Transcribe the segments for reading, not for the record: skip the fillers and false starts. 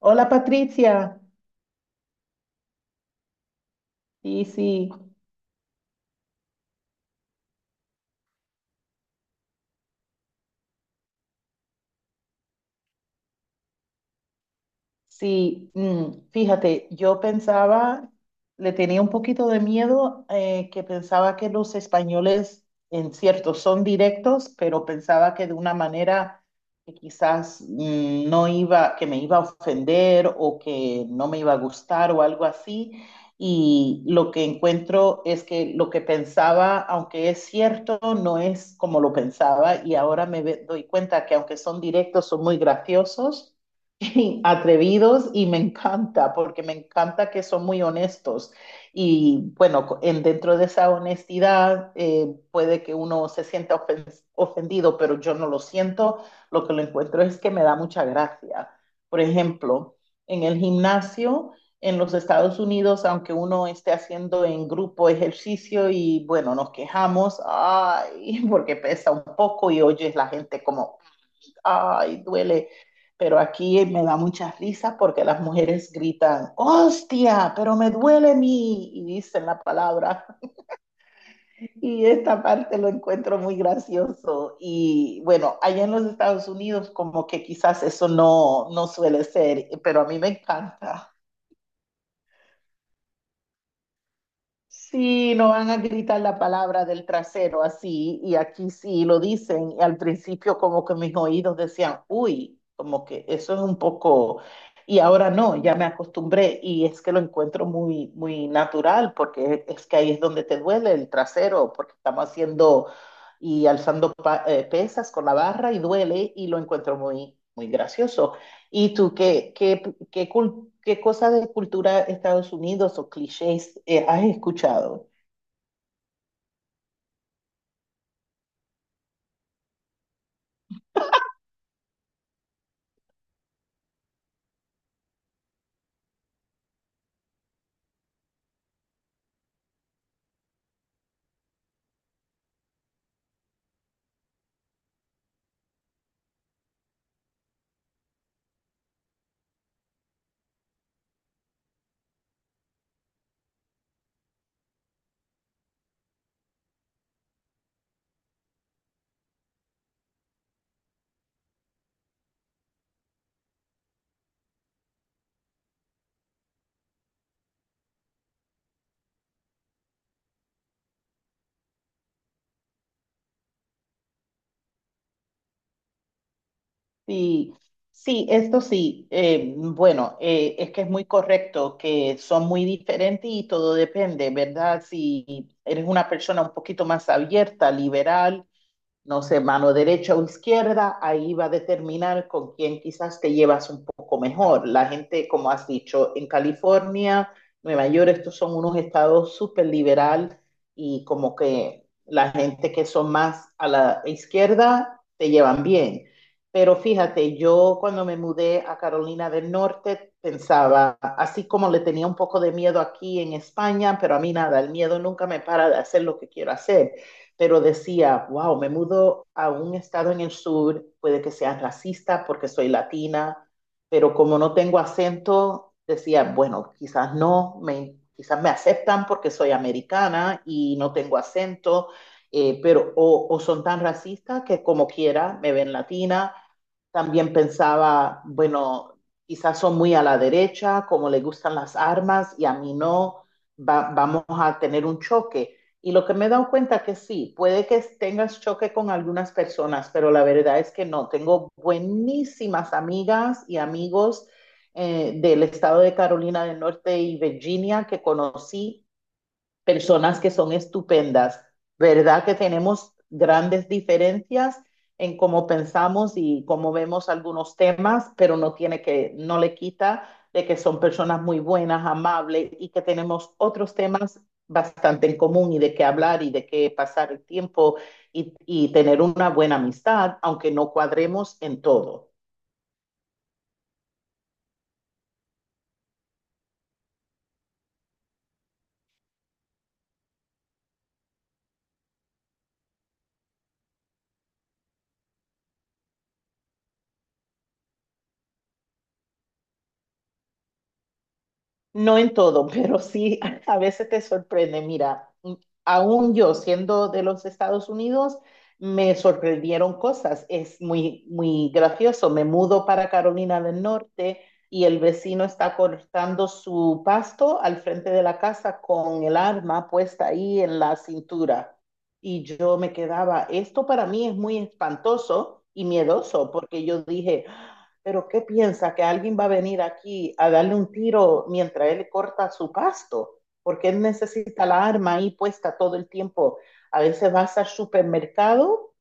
Hola Patricia. Sí, sí, Sí, fíjate, yo pensaba, le tenía un poquito de miedo, que pensaba que los españoles, en cierto, son directos, pero pensaba que de una manera que quizás, no iba, que me iba a ofender o que no me iba a gustar o algo así. Y lo que encuentro es que lo que pensaba, aunque es cierto, no es como lo pensaba. Y ahora doy cuenta que aunque son directos, son muy graciosos. Atrevidos, y me encanta, porque me encanta que son muy honestos. Y bueno, dentro de esa honestidad, puede que uno se sienta ofendido, pero yo no lo siento. Lo que lo encuentro es que me da mucha gracia. Por ejemplo, en el gimnasio en los Estados Unidos, aunque uno esté haciendo en grupo ejercicio y bueno, nos quejamos, ay, porque pesa un poco y oyes la gente como ay, duele. Pero aquí me da muchas risas porque las mujeres gritan, hostia, pero me duele mi, y dicen la palabra. Y esta parte lo encuentro muy gracioso. Y bueno, allá en los Estados Unidos como que quizás eso no suele ser, pero a mí me encanta. Sí, no van a gritar la palabra del trasero así, y aquí sí lo dicen, y al principio como que mis oídos decían, uy, como que eso es un poco, y ahora no, ya me acostumbré, y es que lo encuentro muy, muy natural, porque es que ahí es donde te duele el trasero, porque estamos haciendo y alzando pesas con la barra y duele, y lo encuentro muy, muy gracioso. ¿Y tú qué cosas de cultura Estados Unidos o clichés, has escuchado? Sí, sí, esto sí. Bueno, es que es muy correcto que son muy diferentes y todo depende, ¿verdad? Si eres una persona un poquito más abierta, liberal, no sé, mano derecha o izquierda, ahí va a determinar con quién quizás te llevas un poco mejor. La gente, como has dicho, en California, Nueva York, estos son unos estados súper liberal, y como que la gente que son más a la izquierda te llevan bien. Pero fíjate, yo cuando me mudé a Carolina del Norte pensaba, así como le tenía un poco de miedo aquí en España, pero a mí nada, el miedo nunca me para de hacer lo que quiero hacer, pero decía, wow, me mudo a un estado en el sur, puede que sea racista porque soy latina, pero como no tengo acento, decía, bueno, quizás no, me, quizás me aceptan porque soy americana y no tengo acento, son tan racistas que como quiera me ven latina, también pensaba, bueno, quizás son muy a la derecha, como le gustan las armas y a mí no, vamos a tener un choque. Y lo que me he dado cuenta que sí, puede que tengas choque con algunas personas, pero la verdad es que no. Tengo buenísimas amigas y amigos del estado de Carolina del Norte y Virginia, que conocí personas que son estupendas, ¿verdad? Que tenemos grandes diferencias en cómo pensamos y cómo vemos algunos temas, pero no tiene que, no le quita de que son personas muy buenas, amables, y que tenemos otros temas bastante en común y de qué hablar y de qué pasar el tiempo y tener una buena amistad, aunque no cuadremos en todo. No en todo, pero sí. A veces te sorprende. Mira, aún yo siendo de los Estados Unidos, me sorprendieron cosas. Es muy, muy gracioso. Me mudo para Carolina del Norte y el vecino está cortando su pasto al frente de la casa con el arma puesta ahí en la cintura. Y yo me quedaba, esto para mí es muy espantoso y miedoso, porque yo dije, pero ¿qué piensa? ¿Que alguien va a venir aquí a darle un tiro mientras él corta su pasto? Porque él necesita la arma ahí puesta todo el tiempo. A veces vas al supermercado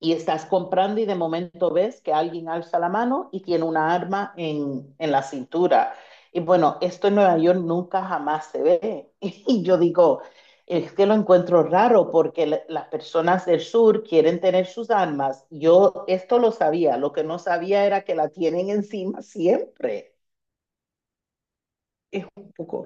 y estás comprando y de momento ves que alguien alza la mano y tiene una arma en la cintura. Y bueno, esto en Nueva York nunca jamás se ve. Y yo digo, es que lo encuentro raro porque las personas del sur quieren tener sus armas. Yo esto lo sabía, lo que no sabía era que la tienen encima siempre. Es un poco.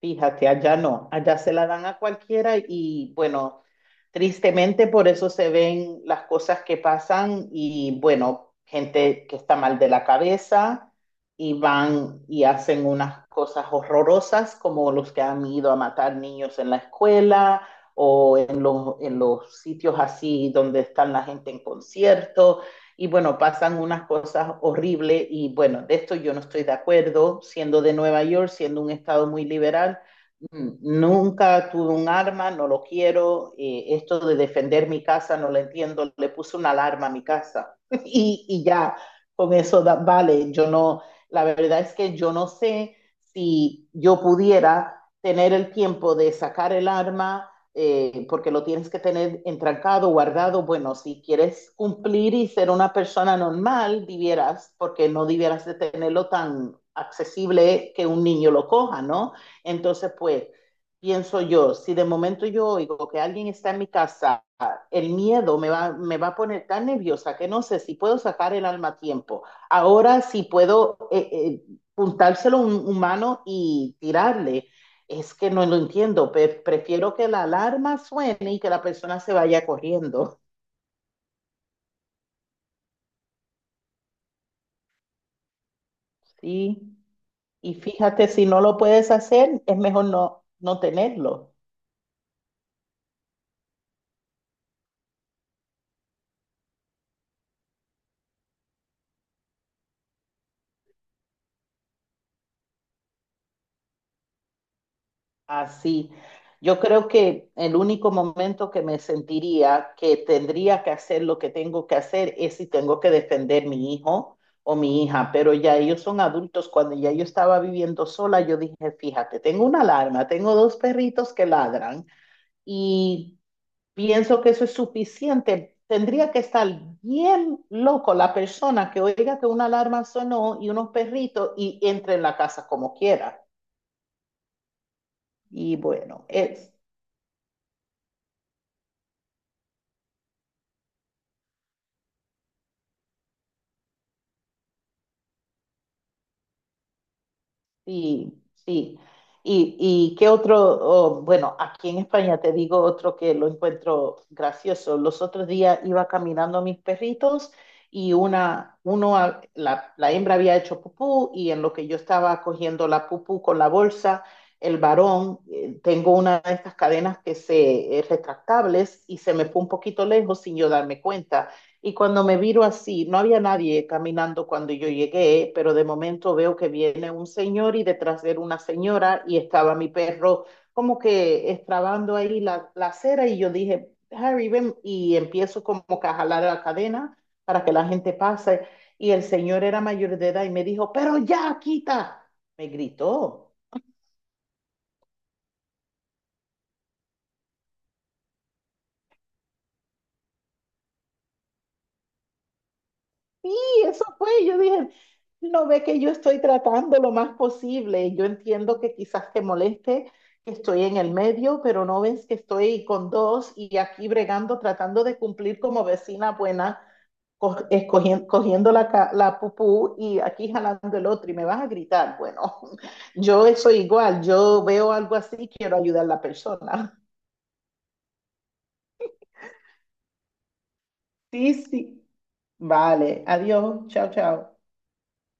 Fíjate, allá no, allá se la dan a cualquiera y bueno, tristemente por eso se ven las cosas que pasan y bueno, gente que está mal de la cabeza y van y hacen unas cosas horrorosas como los que han ido a matar niños en la escuela o en los sitios así donde están la gente en concierto, y bueno, pasan unas cosas horribles y bueno, de esto yo no estoy de acuerdo, siendo de Nueva York, siendo un estado muy liberal. Mm, Nunca tuve un arma, no lo quiero, esto de defender mi casa no lo entiendo, le puse una alarma a mi casa y ya, con eso da, vale, yo no, la verdad es que yo no sé si yo pudiera tener el tiempo de sacar el arma, porque lo tienes que tener entrancado, guardado. Bueno, si quieres cumplir y ser una persona normal, debieras, porque no debieras de tenerlo tan accesible que un niño lo coja, ¿no? Entonces, pues, pienso yo, si de momento yo oigo que alguien está en mi casa, el miedo me va a poner tan nerviosa que no sé si puedo sacar el alma a tiempo. Ahora, si puedo... puntárselo a un humano y tirarle, es que no lo entiendo, prefiero que la alarma suene y que la persona se vaya corriendo, ¿sí? Y fíjate, si no lo puedes hacer, es mejor no, no tenerlo. Así. Yo creo que el único momento que me sentiría que tendría que hacer lo que tengo que hacer es si tengo que defender mi hijo o mi hija, pero ya ellos son adultos. Cuando ya yo estaba viviendo sola, yo dije, fíjate, tengo una alarma, tengo dos perritos que ladran. Y pienso que eso es suficiente. Tendría que estar bien loco la persona que oiga que una alarma sonó y unos perritos y entre en la casa como quiera. Y bueno, es... Sí, sí. ¿Y y qué otro? Oh, bueno, aquí en España te digo otro que lo encuentro gracioso. Los otros días iba caminando a mis perritos y una, uno, a- la hembra había hecho pupú y en lo que yo estaba cogiendo la pupú con la bolsa, el varón, tengo una de estas cadenas que se, retractables, y se me fue un poquito lejos sin yo darme cuenta. Y cuando me viro así, no había nadie caminando cuando yo llegué, pero de momento veo que viene un señor y detrás de él una señora, y estaba mi perro como que estrabando ahí la acera, y yo dije, Harry, ven, y empiezo como que a jalar la cadena para que la gente pase. Y el señor era mayor de edad y me dijo, pero ya, quita, me gritó. Sí, eso fue, yo dije, no ve que yo estoy tratando lo más posible, yo entiendo que quizás te moleste, que estoy en el medio, pero no ves que estoy con dos y aquí bregando, tratando de cumplir como vecina buena, cogiendo la pupú y aquí jalando el otro y me vas a gritar. Bueno, yo soy igual, yo veo algo así, quiero ayudar a la persona. Sí, sí. Vale, adiós, chao, chao.